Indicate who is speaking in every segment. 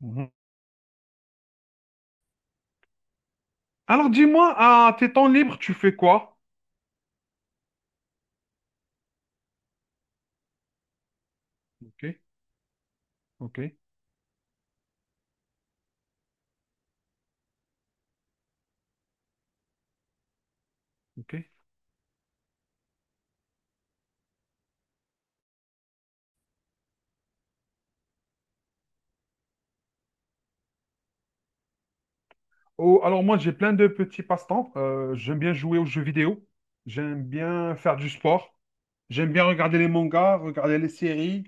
Speaker 1: Mhm. Alors dis-moi, à tes temps libres, tu fais quoi? Ok, ok, ok. Oh, alors moi, j'ai plein de petits passe-temps. J'aime bien jouer aux jeux vidéo. J'aime bien faire du sport. J'aime bien regarder les mangas, regarder les séries,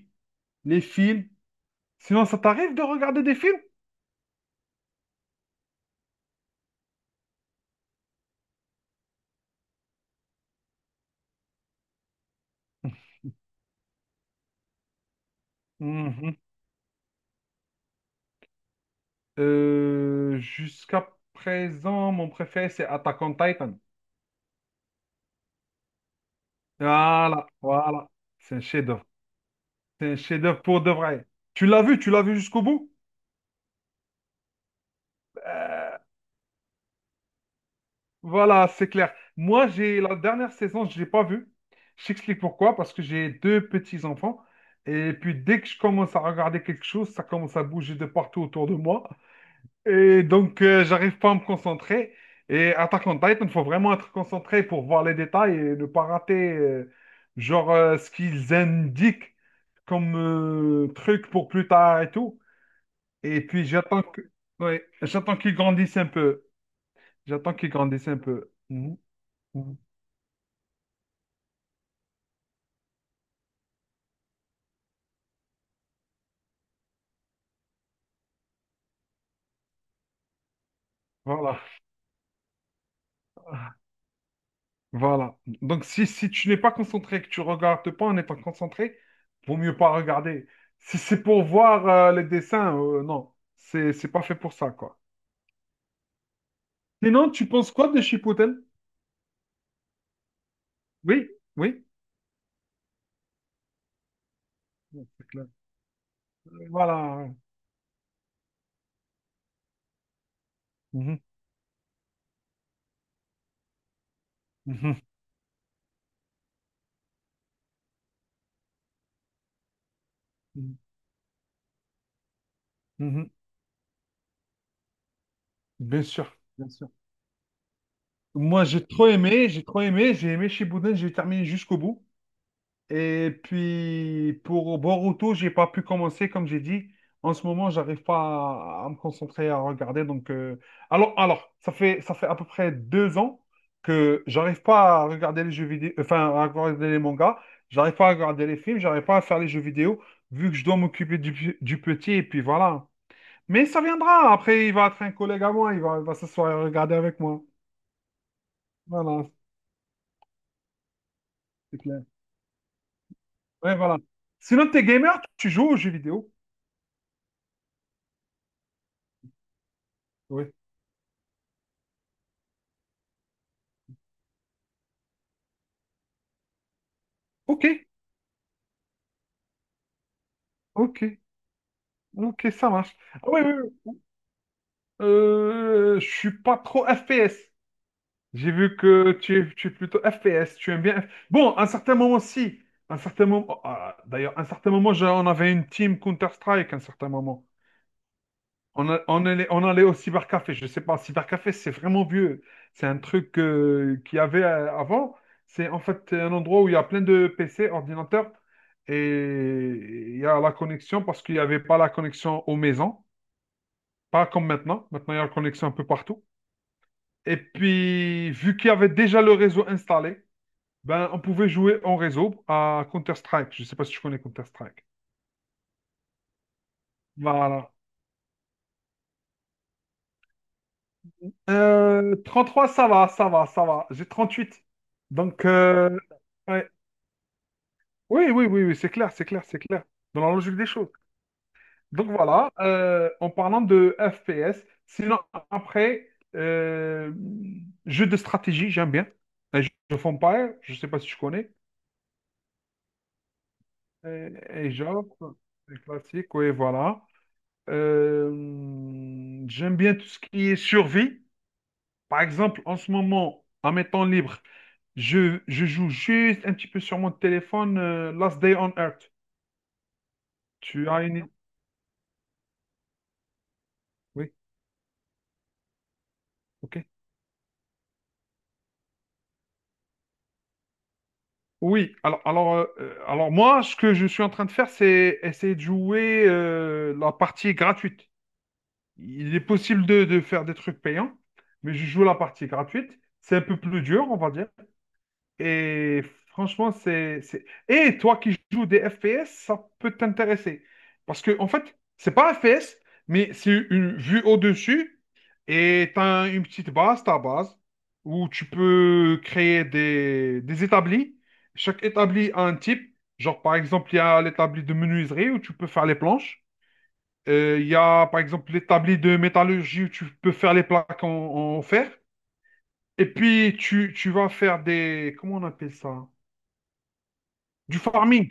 Speaker 1: les films. Sinon, ça t'arrive de regarder des films? Mhm. Jusqu'à présent, mon préféré, c'est Attack on Titan. Voilà, voilà. C'est un chef-d'œuvre. C'est un chef-d'œuvre pour de vrai. Tu l'as vu jusqu'au bout? Voilà, c'est clair. Moi, j'ai la dernière saison, je l'ai pas vue. Je t'explique pourquoi, parce que j'ai deux petits-enfants. Et puis, dès que je commence à regarder quelque chose, ça commence à bouger de partout autour de moi. Et donc, j'arrive pas à me concentrer. Et Attack on Titan, il faut vraiment être concentré pour voir les détails et ne pas rater, genre, ce qu'ils indiquent comme truc pour plus tard et tout. Et puis, j'attends que... ouais, j'attends qu'ils grandissent un peu. J'attends qu'ils grandissent un peu. Mhm. Voilà. Voilà. Donc, si, si tu n'es pas concentré, que tu regardes pas en étant concentré, vaut mieux pas regarder. Si c'est pour voir les dessins, non. C'est pas fait pour ça, quoi. Sinon, tu penses quoi de Chipotle? Oui, oui. Ouais, c'est clair. Voilà. Mhm, mhm, mhm, mhm. Bien sûr, bien sûr. Moi, j'ai trop aimé, j'ai trop aimé, j'ai aimé Chipotle, j'ai terminé jusqu'au bout. Et puis, pour Boruto, j'ai pas pu commencer, comme j'ai dit. En ce moment, j'arrive pas à me concentrer à regarder. Donc, ça fait à peu près deux ans que j'arrive pas à regarder les jeux vidéo, enfin, à regarder les mangas. J'arrive pas à regarder les films. J'arrive pas à faire les jeux vidéo, vu que je dois m'occuper du petit. Et puis voilà. Mais ça viendra. Après, il va être un collègue à moi. Il va s'asseoir et regarder avec moi. Voilà, c'est clair. Ouais, voilà. Sinon, t'es gamer, tu joues aux jeux vidéo. Oui. Ok. Ok, ok, ça marche. Ah ouais, ouais, ouais. Je suis pas trop FPS. J'ai vu que tu es plutôt FPS, tu aimes bien. Bon, à un certain moment, si. À un certain moment, oh, ah, d'ailleurs, à un certain moment, on avait une team Counter-Strike, à un certain moment. On allait au cybercafé. Je sais pas, cybercafé, c'est vraiment vieux. C'est un truc qu'il y avait avant. C'est en fait un endroit où il y a plein de PC, ordinateurs, et il y a la connexion parce qu'il n'y avait pas la connexion aux maisons. Pas comme maintenant. Maintenant, il y a la connexion un peu partout. Et puis, vu qu'il y avait déjà le réseau installé, ben, on pouvait jouer en réseau à Counter-Strike. Je ne sais pas si tu connais Counter-Strike. Voilà. 33, ça va, ça va, ça va. J'ai 38. Donc, ouais. Oui, oui, oui, oui, c'est clair, c'est clair, c'est clair. Dans la logique des choses. Donc voilà, en parlant de FPS, sinon après, euh, jeu de stratégie, j'aime bien. Age of Empires, je ne sais pas si tu connais. Et j'offre les classiques, oui, voilà. Euh, J'aime bien tout ce qui est survie. Par exemple, en ce moment, en mes temps libres, je joue juste un petit peu sur mon téléphone Last Day on Earth. Tu as une... Oui, ok. Oui, alors moi, ce que je suis en train de faire, c'est essayer de jouer la partie gratuite. Il est possible de faire des trucs payants, mais je joue la partie gratuite. C'est un peu plus dur, on va dire. Et franchement, et toi qui joues des FPS, ça peut t'intéresser. Parce que, en fait, c'est pas FPS, mais c'est une vue au-dessus et t'as une petite base, ta base, où tu peux créer des établis. Chaque établi a un type. Genre, par exemple, il y a l'établi de menuiserie où tu peux faire les planches. Il y a, par exemple, l'établi de métallurgie où tu peux faire les plaques en, en fer. Et puis, tu vas faire des... Comment on appelle ça? Du farming.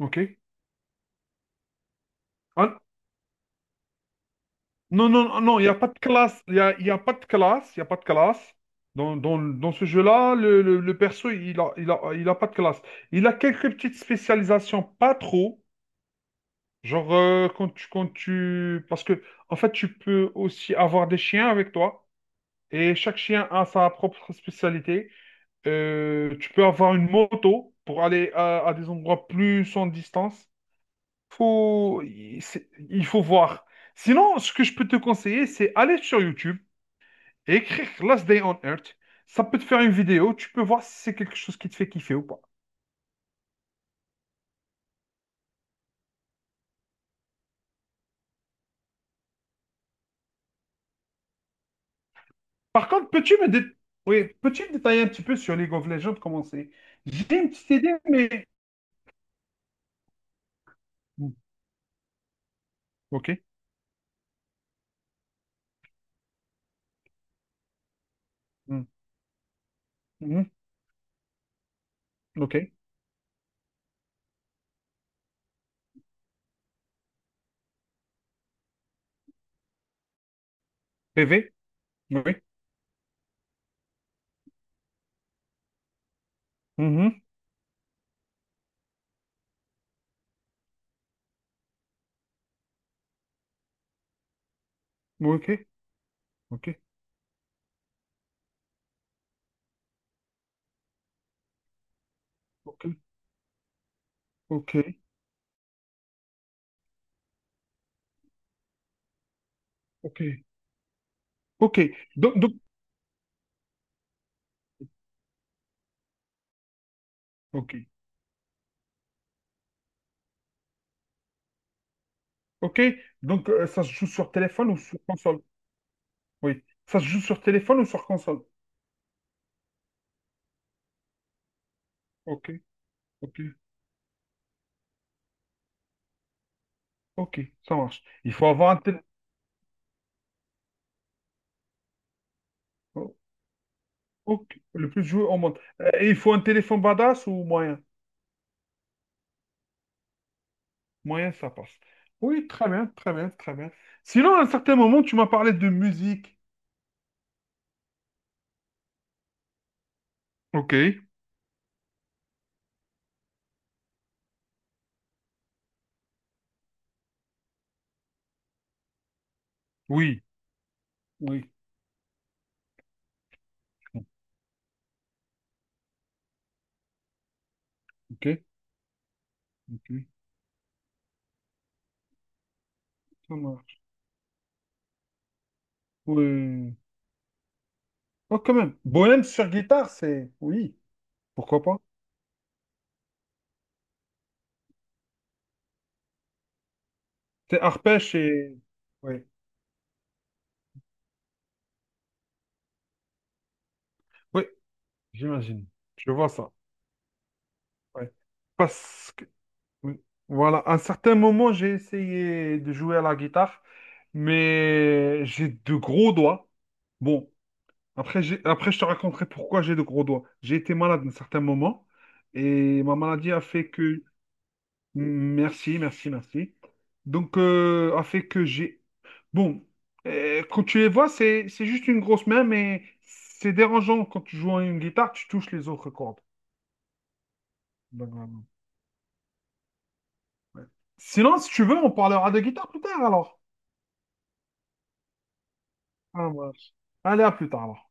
Speaker 1: OK? Ah, non, non, non, il n'y a pas de classe. Il y a pas de classe. Il y a pas de classe. Dans ce jeu-là, le perso, il a pas de classe. Il a quelques petites spécialisations, pas trop. Genre, quand tu... Parce que, en fait, tu peux aussi avoir des chiens avec toi. Et chaque chien a sa propre spécialité. Tu peux avoir une moto pour aller à des endroits plus en distance. Il faut voir. Sinon, ce que je peux te conseiller, c'est aller sur YouTube et écrire Last Day on Earth. Ça peut te faire une vidéo, tu peux voir si c'est quelque chose qui te fait kiffer ou pas. Par contre, oui, peux-tu me détailler un petit peu sur League of Legends, comment c'est? J'ai une petite idée, mais... Mm. Ok. Mm. Mhm. Ok. PV? Oui. Mhm. Ok. Ok. Ok. Ok. Ok. Ok. Donc... Ok. Ok. Donc, ça se joue sur téléphone ou sur console? Oui. Ça se joue sur téléphone ou sur console? Ok, ok, ok, ça marche. Il faut avoir un téléphone. Le plus joué au monde. Et il faut un téléphone badass ou moyen? Moyen, ça passe. Oui, très bien, très bien, très bien. Sinon, à un certain moment, tu m'as parlé de musique. Ok, oui, oui. Ok, ok, ça marche. Oui. Oh, quand même. Bohème sur guitare, c'est. Oui, pourquoi pas? C'est arpège et. Oui, oui, j'imagine. Je vois ça. Ouais. Parce que. Oui. Voilà, à un certain moment, j'ai essayé de jouer à la guitare, mais j'ai de gros doigts. Bon, après, après je te raconterai pourquoi j'ai de gros doigts. J'ai été malade à un certain moment et ma maladie a fait que... Merci, merci, merci. Donc, a fait que j'ai... Bon, quand tu les vois, c'est juste une grosse main, mais c'est dérangeant quand tu joues à une guitare, tu touches les autres cordes. Donc, voilà. Ouais. Sinon, si tu veux, on parlera de guitare plus tard, alors. Ah, moi. Allez, à plus tard. Alors.